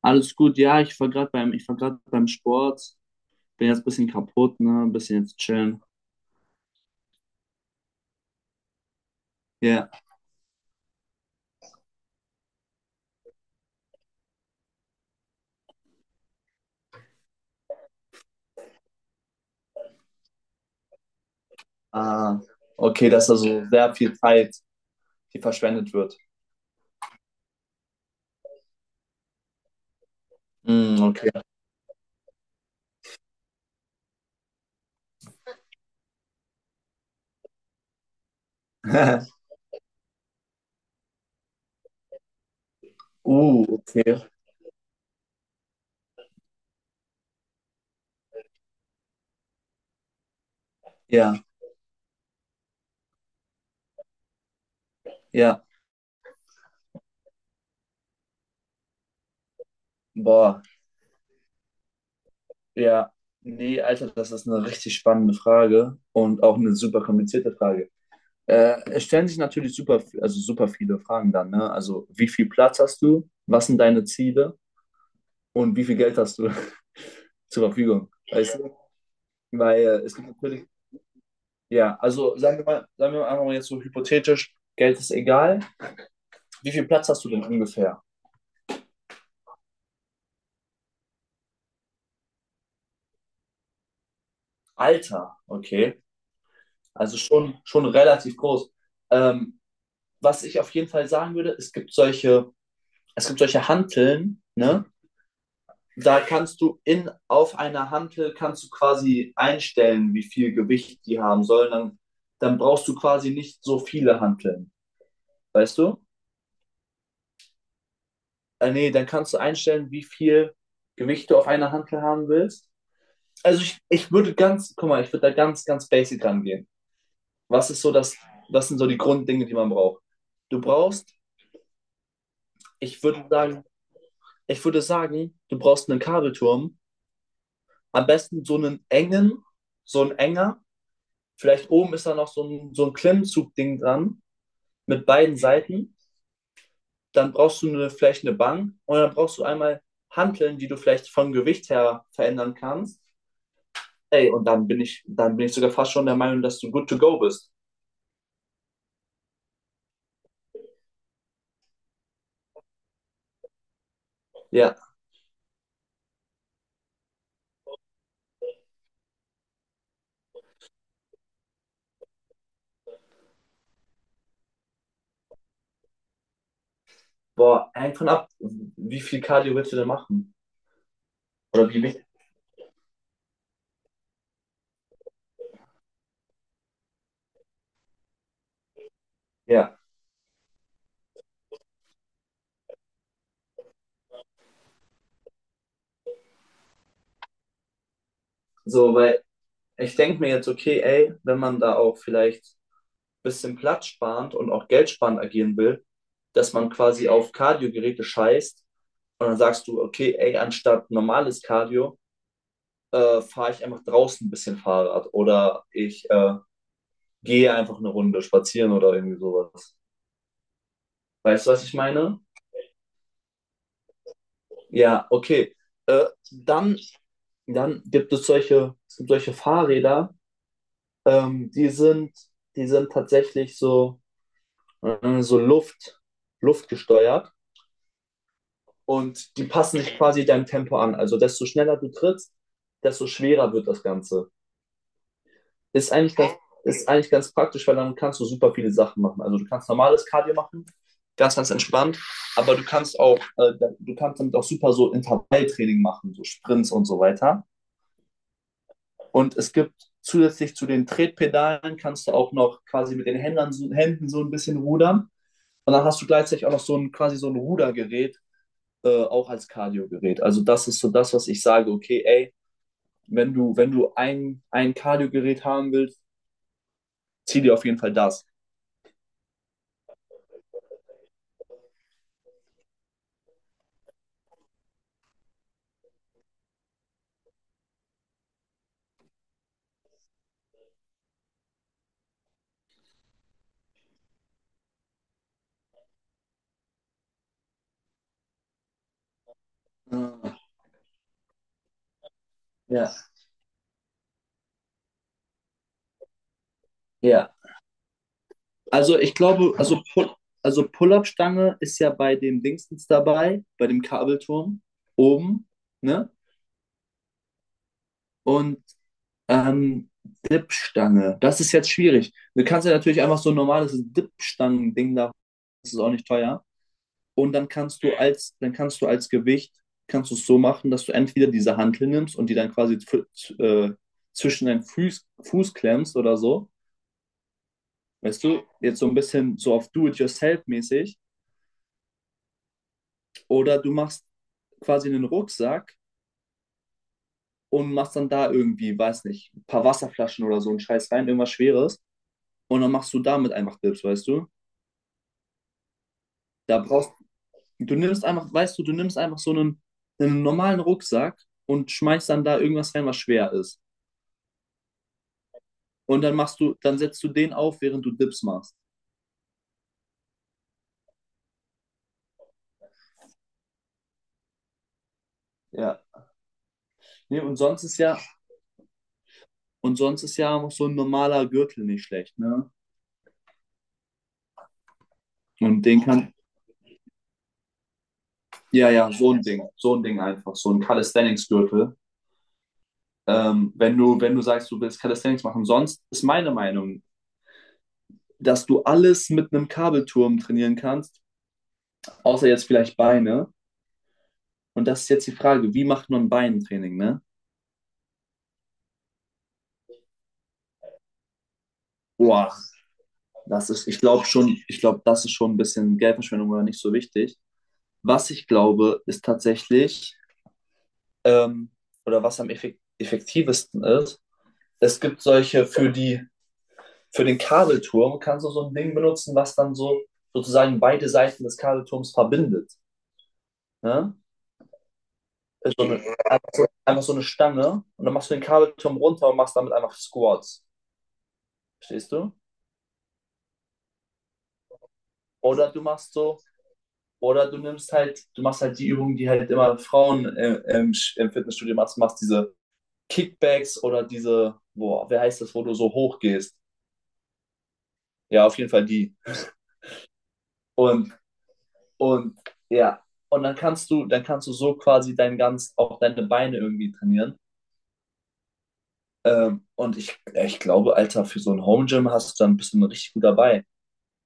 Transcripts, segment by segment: Alles gut, ja, ich war gerade beim Sport, bin jetzt ein bisschen kaputt, ne, ein bisschen jetzt chillen. Ja, ah, okay, dass da so sehr viel Zeit die verschwendet wird. Hm, okay. Okay. Ja, ja. Boah, ja. Nee, Alter, das ist eine richtig spannende Frage und auch eine super komplizierte Frage. Es stellen sich natürlich super, also super viele Fragen dann, ne? Also, wie viel Platz hast du? Was sind deine Ziele? Und wie viel Geld hast du zur Verfügung? Weißt du? Weil es gibt natürlich, ja, also sagen wir mal einfach mal jetzt so hypothetisch, Geld ist egal. Wie viel Platz hast du denn ungefähr? Alter, okay. Also schon relativ groß. Ähm, Was ich auf jeden Fall sagen würde, es gibt solche Hanteln, ne? Da kannst du auf einer Hantel kannst du quasi einstellen, wie viel Gewicht die haben sollen. Dann brauchst du quasi nicht so viele Hanteln. Weißt du? Nee, dann kannst du einstellen, wie viel Gewicht du auf einer Hantel haben willst. Also ich guck mal, ich würde da ganz, ganz basic rangehen. Was ist so das, Was sind so die Grunddinge, die man braucht? Du brauchst, ich würde sagen, Ich würde sagen, du brauchst einen Kabelturm, am besten so einen so ein enger. Vielleicht oben ist da noch so ein Klemmzugding dran mit beiden Seiten. Dann brauchst du vielleicht eine Bank und dann brauchst du einmal Hanteln, die du vielleicht vom Gewicht her verändern kannst. Ey, und dann dann bin ich sogar fast schon der Meinung, dass du good to go bist. Ja, boah, hängt von ab, wie viel Cardio willst du denn machen? Oder wie wichtig? Ja, so, weil ich denke mir jetzt, okay, ey, wenn man da auch vielleicht ein bisschen Platz sparend und auch geldsparend agieren will, dass man quasi auf Cardio-Geräte scheißt und dann sagst du, okay, ey, anstatt normales Cardio, fahre ich einfach draußen ein bisschen Fahrrad oder ich gehe einfach eine Runde spazieren oder irgendwie sowas. Weißt du, was ich meine? Ja, okay. Äh, Dann, es gibt solche Fahrräder, ähm, die sind, die sind tatsächlich so, äh, so Luft, luftgesteuert, und die passen sich quasi deinem Tempo an. Also desto schneller du trittst, desto schwerer wird das Ganze. Ist eigentlich ganz, ist eigentlich ganz praktisch, weil dann kannst du super viele Sachen machen. Also du kannst normales Cardio machen, ganz, ganz entspannt, aber du kannst damit auch super so Intervalltraining machen, so Sprints und so weiter. Und es gibt zusätzlich zu den Tretpedalen kannst du auch noch quasi mit den Händen so ein bisschen rudern. Und dann hast du gleichzeitig auch noch so ein Rudergerät, auch als Cardio-Gerät. Also das ist so das, was ich sage, okay, ey, wenn wenn du ein Cardio-Gerät haben willst, zieh dir auf jeden Fall das. Ja, ja. Also ich glaube, also, also Pull-Up-Stange ist ja bei dem Dingstens dabei, bei dem Kabelturm oben, ne? Und Ähm, Dipstange. Das ist jetzt schwierig. Du kannst ja natürlich einfach so ein normales Dipstangen-Ding da. Das ist auch nicht teuer. Und dann kannst du als Gewicht, kannst du es so machen, dass du entweder diese Hantel nimmst und die dann quasi zwischen deinen Fuß klemmst oder so. Weißt du, jetzt so ein bisschen so auf Do-it-yourself-mäßig. Oder du machst quasi einen Rucksack und machst dann da irgendwie, weiß nicht, ein paar Wasserflaschen oder so einen Scheiß rein, irgendwas Schweres. Und dann machst du damit einfach Dips, weißt du? Da brauchst du nimmst einfach, weißt du, du nimmst einfach einen normalen Rucksack und schmeißt dann da irgendwas rein, was schwer ist. Und dann dann setzt du den auf, während du Dips machst. Ja. Nee, und sonst ist ja auch so ein normaler Gürtel nicht schlecht, ne? Und den kann, ja, ja, so ein Ding, einfach, so ein Calisthenics-Gürtel. Wenn wenn du sagst, du willst Calisthenics machen, sonst ist meine Meinung, dass du alles mit einem Kabelturm trainieren kannst, außer jetzt vielleicht Beine. Und das ist jetzt die Frage, wie macht man Beintraining, ne? Boah, ich glaube schon, ich glaube, das ist schon ein bisschen Geldverschwendung oder nicht so wichtig. Was ich glaube, ist tatsächlich, ähm, oder was am effektivsten ist, es gibt solche für den Kabelturm kannst du so ein Ding benutzen, was dann so sozusagen beide Seiten des Kabelturms verbindet. Ne? Ist einfach so eine Stange, und dann machst du den Kabelturm runter und machst damit einfach Squats. Verstehst du? Oder du machst so Oder du nimmst halt, du machst halt die Übungen, die halt immer Frauen im Fitnessstudio machst, diese Kickbacks oder boah, wer heißt das, wo du so hoch gehst? Ja, auf jeden Fall die. Und, und ja, und dann dann kannst du so quasi auch deine Beine irgendwie trainieren. Und ja, ich glaube, Alter, für so ein Home Gym hast du dann bist du dann richtig gut dabei.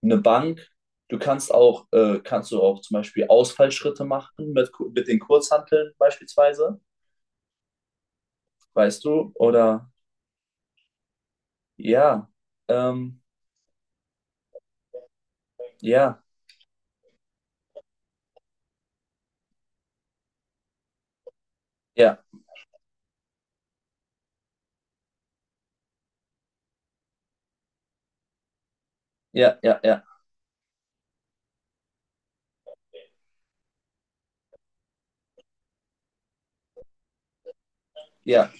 Eine Bank, kannst du auch zum Beispiel Ausfallschritte machen mit den Kurzhanteln beispielsweise, weißt du, Ja, ähm, ja, ja, ja, ja, ja, ja,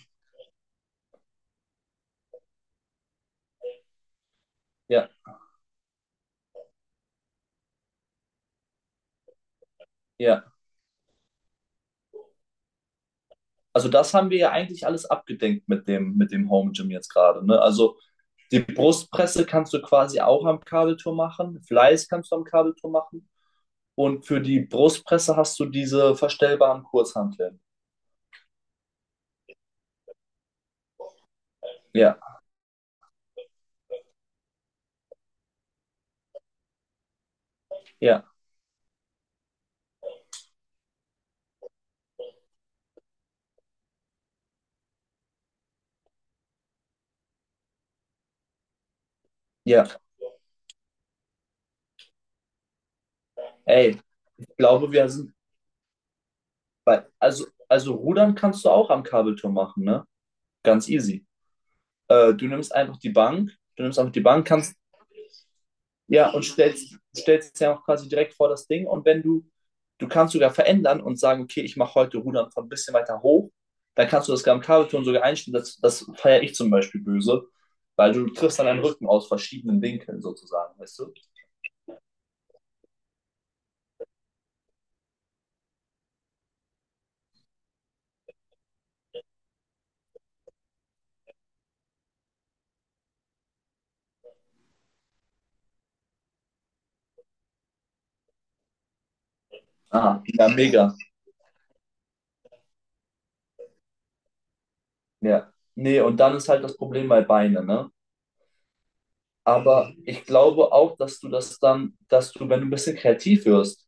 ja, ja. Also das haben wir ja eigentlich alles abgedenkt mit dem Home Gym jetzt gerade, ne? Also die Brustpresse kannst du quasi auch am Kabelturm machen, Fleiß kannst du am Kabelturm machen, und für die Brustpresse hast du diese verstellbaren Kurzhanteln. Ja, ja, ja. Ey, ich glaube, wir sind bei, also Rudern kannst du auch am Kabelturm machen, ne? Ganz easy. Du nimmst einfach die Bank, kannst ja, und stellst ja auch quasi direkt vor das Ding. Und wenn du, Du kannst sogar verändern und sagen, okay, ich mache heute Rudern von ein bisschen weiter hoch, dann kannst du das am Kabelturnen sogar einstellen. Das feiere ich zum Beispiel böse, weil du triffst dann einen Rücken aus verschiedenen Winkeln sozusagen, weißt du? Ah, ja, mega. Ja. Nee, und dann ist halt das Problem bei Beine, ne? Aber ich glaube auch, dass du, wenn du ein bisschen kreativ wirst,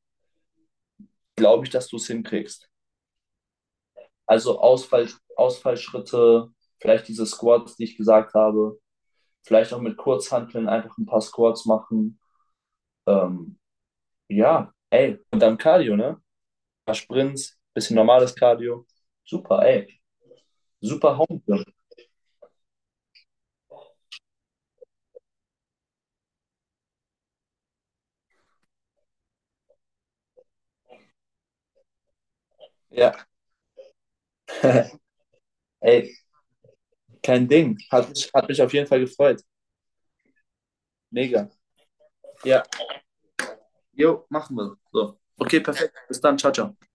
glaube ich, dass du es hinkriegst. Also Ausfallschritte, vielleicht diese Squats, die ich gesagt habe, vielleicht auch mit Kurzhanteln einfach ein paar Squats machen. Ähm, ja, ey, und dann Cardio, ne? Ein paar Sprints, bisschen normales Cardio. Super, ey. Super Home Gym. Ja, ey, kein Ding. Hat mich auf jeden Fall gefreut. Mega. Ja, jo, machen wir. So. Okay, perfekt. Bis dann. Ciao, ciao.